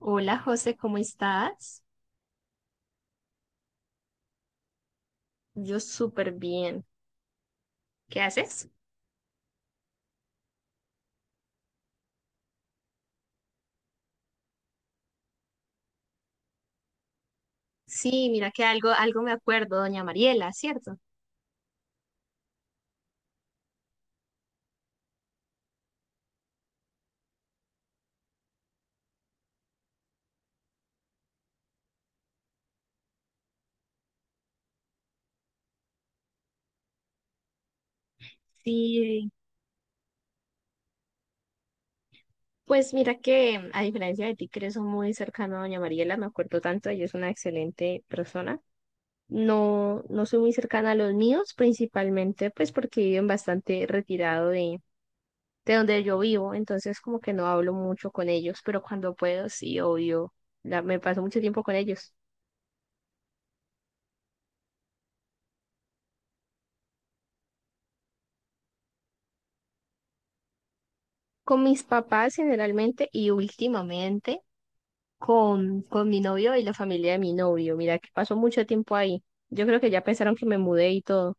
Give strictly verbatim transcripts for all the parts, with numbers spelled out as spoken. Hola José, ¿cómo estás? Yo súper bien. ¿Qué haces? Sí, mira que algo, algo me acuerdo, doña Mariela, ¿cierto? Sí, pues mira que a diferencia de ti, que eres muy cercano a doña Mariela, me acuerdo tanto, ella es una excelente persona. No, no soy muy cercana a los míos, principalmente pues porque viven bastante retirado de, de donde yo vivo, entonces como que no hablo mucho con ellos, pero cuando puedo, sí, obvio, la- me paso mucho tiempo con ellos. Con mis papás generalmente y últimamente con, con mi novio y la familia de mi novio. Mira que pasó mucho tiempo ahí. Yo creo que ya pensaron que me mudé y todo.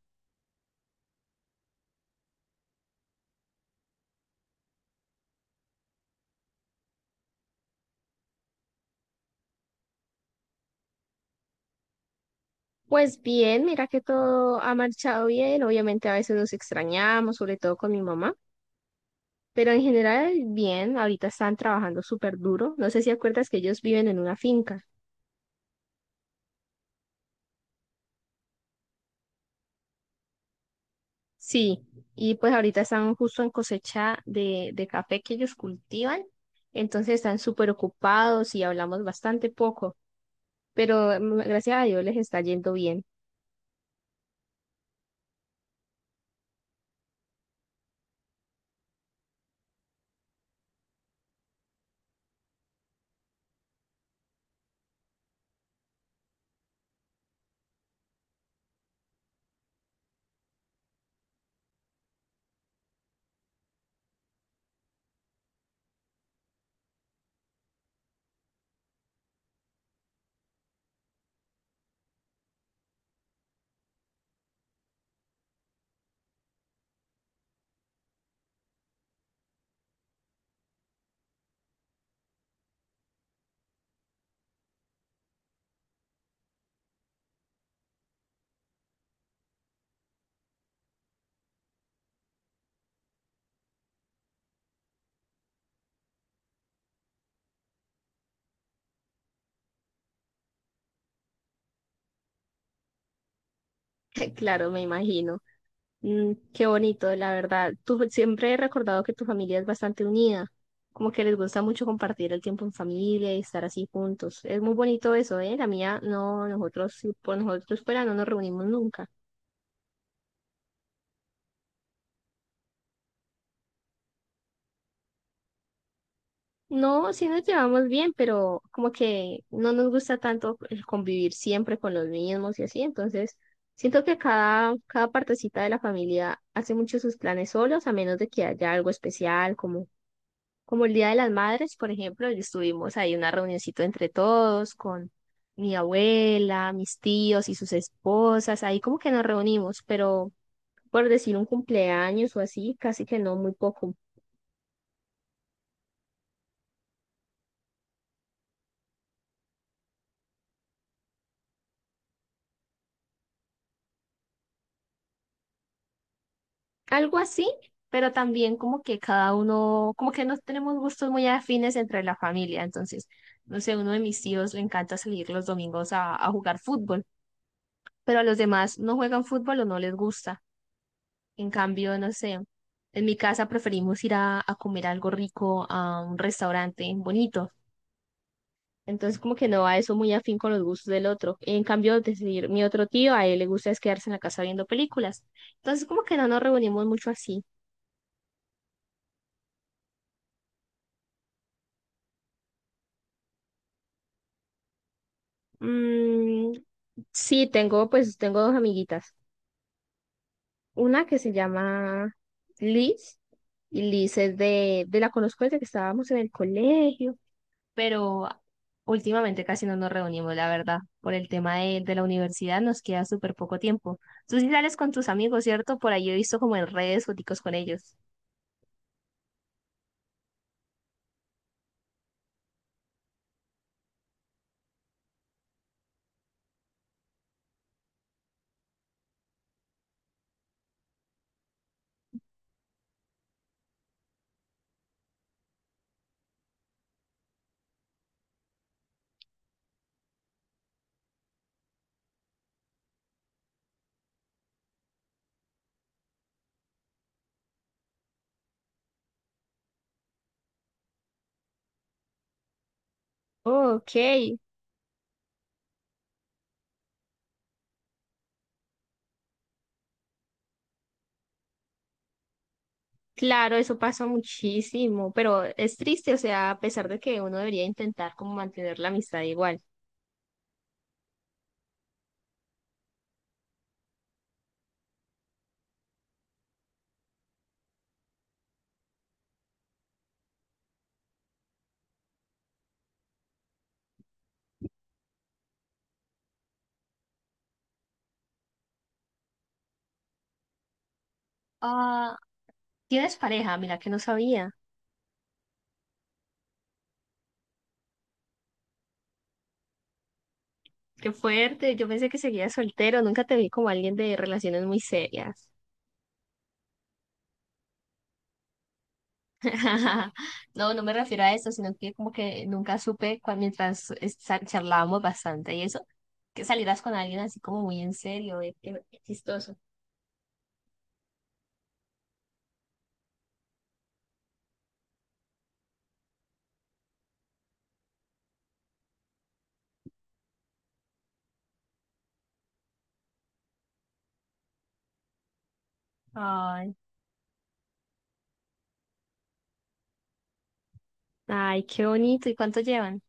Pues bien, mira que todo ha marchado bien. Obviamente a veces nos extrañamos, sobre todo con mi mamá, pero en general bien. Ahorita están trabajando súper duro. No sé si acuerdas que ellos viven en una finca. Sí, y pues ahorita están justo en cosecha de, de café que ellos cultivan. Entonces están súper ocupados y hablamos bastante poco. Pero mm, gracias a Dios les está yendo bien. Claro, me imagino. Mm, qué bonito, la verdad. Tú siempre he recordado que tu familia es bastante unida, como que les gusta mucho compartir el tiempo en familia y estar así juntos. Es muy bonito eso, ¿eh? La mía, no, nosotros, si por nosotros fuera, no nos reunimos nunca. No, sí nos llevamos bien, pero como que no nos gusta tanto el convivir siempre con los mismos y así, entonces siento que cada, cada partecita de la familia hace mucho sus planes solos, a menos de que haya algo especial, como, como el Día de las Madres, por ejemplo, y estuvimos ahí una reunioncito entre todos con mi abuela, mis tíos y sus esposas, ahí como que nos reunimos, pero por decir un cumpleaños o así, casi que no, muy poco. Algo así, pero también como que cada uno, como que no tenemos gustos muy afines entre la familia. Entonces, no sé, uno de mis tíos le encanta salir los domingos a, a jugar fútbol, pero a los demás no juegan fútbol o no les gusta. En cambio, no sé, en mi casa preferimos ir a, a comer algo rico a un restaurante bonito. Entonces, como que no va eso muy afín con los gustos del otro. En cambio, decir, mi otro tío, a él le gusta es quedarse en la casa viendo películas. Entonces, como que no nos reunimos mucho así. Mm, sí, tengo, pues tengo dos amiguitas. Una que se llama Liz, y Liz es de, de la conozco desde que estábamos en el colegio, pero últimamente casi no nos reunimos, la verdad. Por el tema de, de la universidad nos queda súper poco tiempo. Tú sí sales con tus amigos, ¿cierto? Por ahí he visto como en redes foticos con ellos. Ok, claro, eso pasa muchísimo, pero es triste, o sea, a pesar de que uno debería intentar como mantener la amistad igual. Ah, tienes pareja, mira que no sabía. Qué fuerte, yo pensé que seguías soltero, nunca te vi como alguien de relaciones muy serias. No, no me refiero a eso, sino que como que nunca supe cuando mientras esta- charlábamos bastante y eso, que salieras con alguien así como muy en serio, eh, qué qué chistoso. Ay, ay, qué bonito, ¿y cuánto llevan?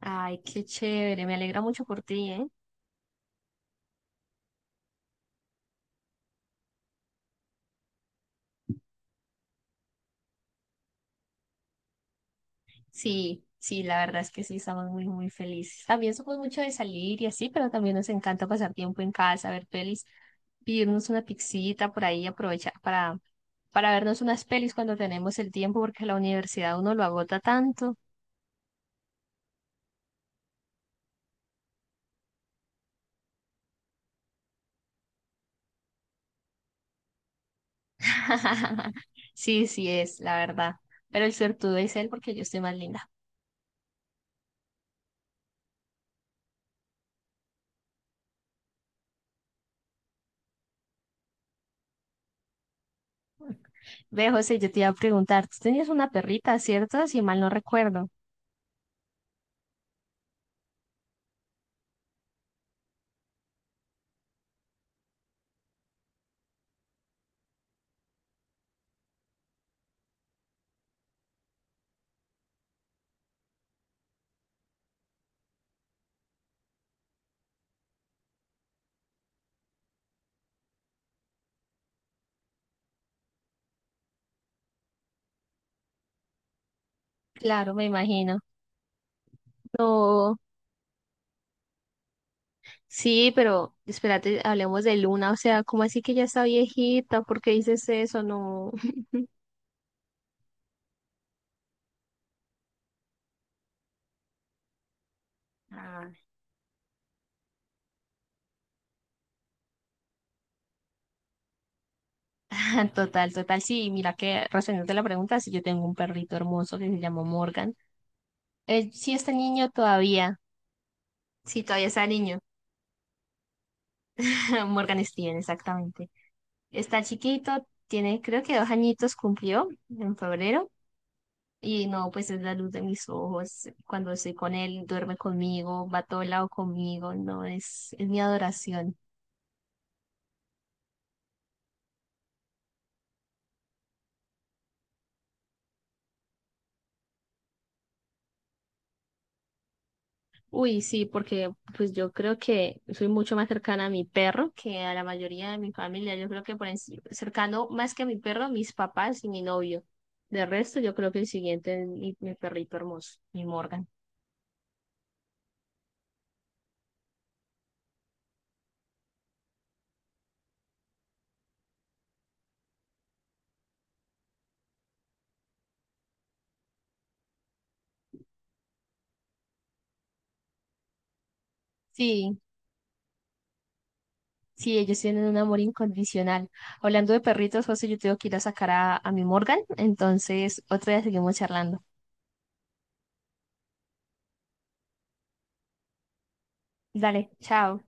Ay, qué chévere, me alegra mucho por ti, ¿eh? Sí, sí, la verdad es que sí, estamos muy, muy felices. También somos mucho de salir y así, pero también nos encanta pasar tiempo en casa, ver pelis, pedirnos una pixita por ahí, aprovechar para, para vernos unas pelis cuando tenemos el tiempo, porque la universidad uno lo agota tanto. Sí, sí es, la verdad. Pero el suertudo es él porque yo estoy más linda. Ve, José, yo te iba a preguntar, tú tenías una perrita, ¿cierto? Si mal no recuerdo. Claro, me imagino. No. Sí, pero espérate, hablemos de Luna, o sea, ¿cómo así que ya está viejita? ¿Por qué dices eso? No. Ah, total, total, sí, mira que respondiendo la pregunta, sí, yo tengo un perrito hermoso que se llama Morgan. Eh, sí, está niño todavía, sí, todavía está niño, Morgan Steven, exactamente. Está chiquito, tiene creo que dos añitos cumplió en febrero y no, pues es la luz de mis ojos. Cuando estoy con él, duerme conmigo, va a todo lado conmigo, no, es, es mi adoración. Uy, sí, porque pues yo creo que soy mucho más cercana a mi perro que a la mayoría de mi familia. Yo creo que por enci- cercano más que a mi perro, a mis papás y mi novio. De resto, yo creo que el siguiente es mi, mi perrito hermoso, mi Morgan. Sí, sí, ellos tienen un amor incondicional. Hablando de perritos, José, yo tengo que ir a sacar a, a mi Morgan, entonces otro día seguimos charlando. Dale, chao.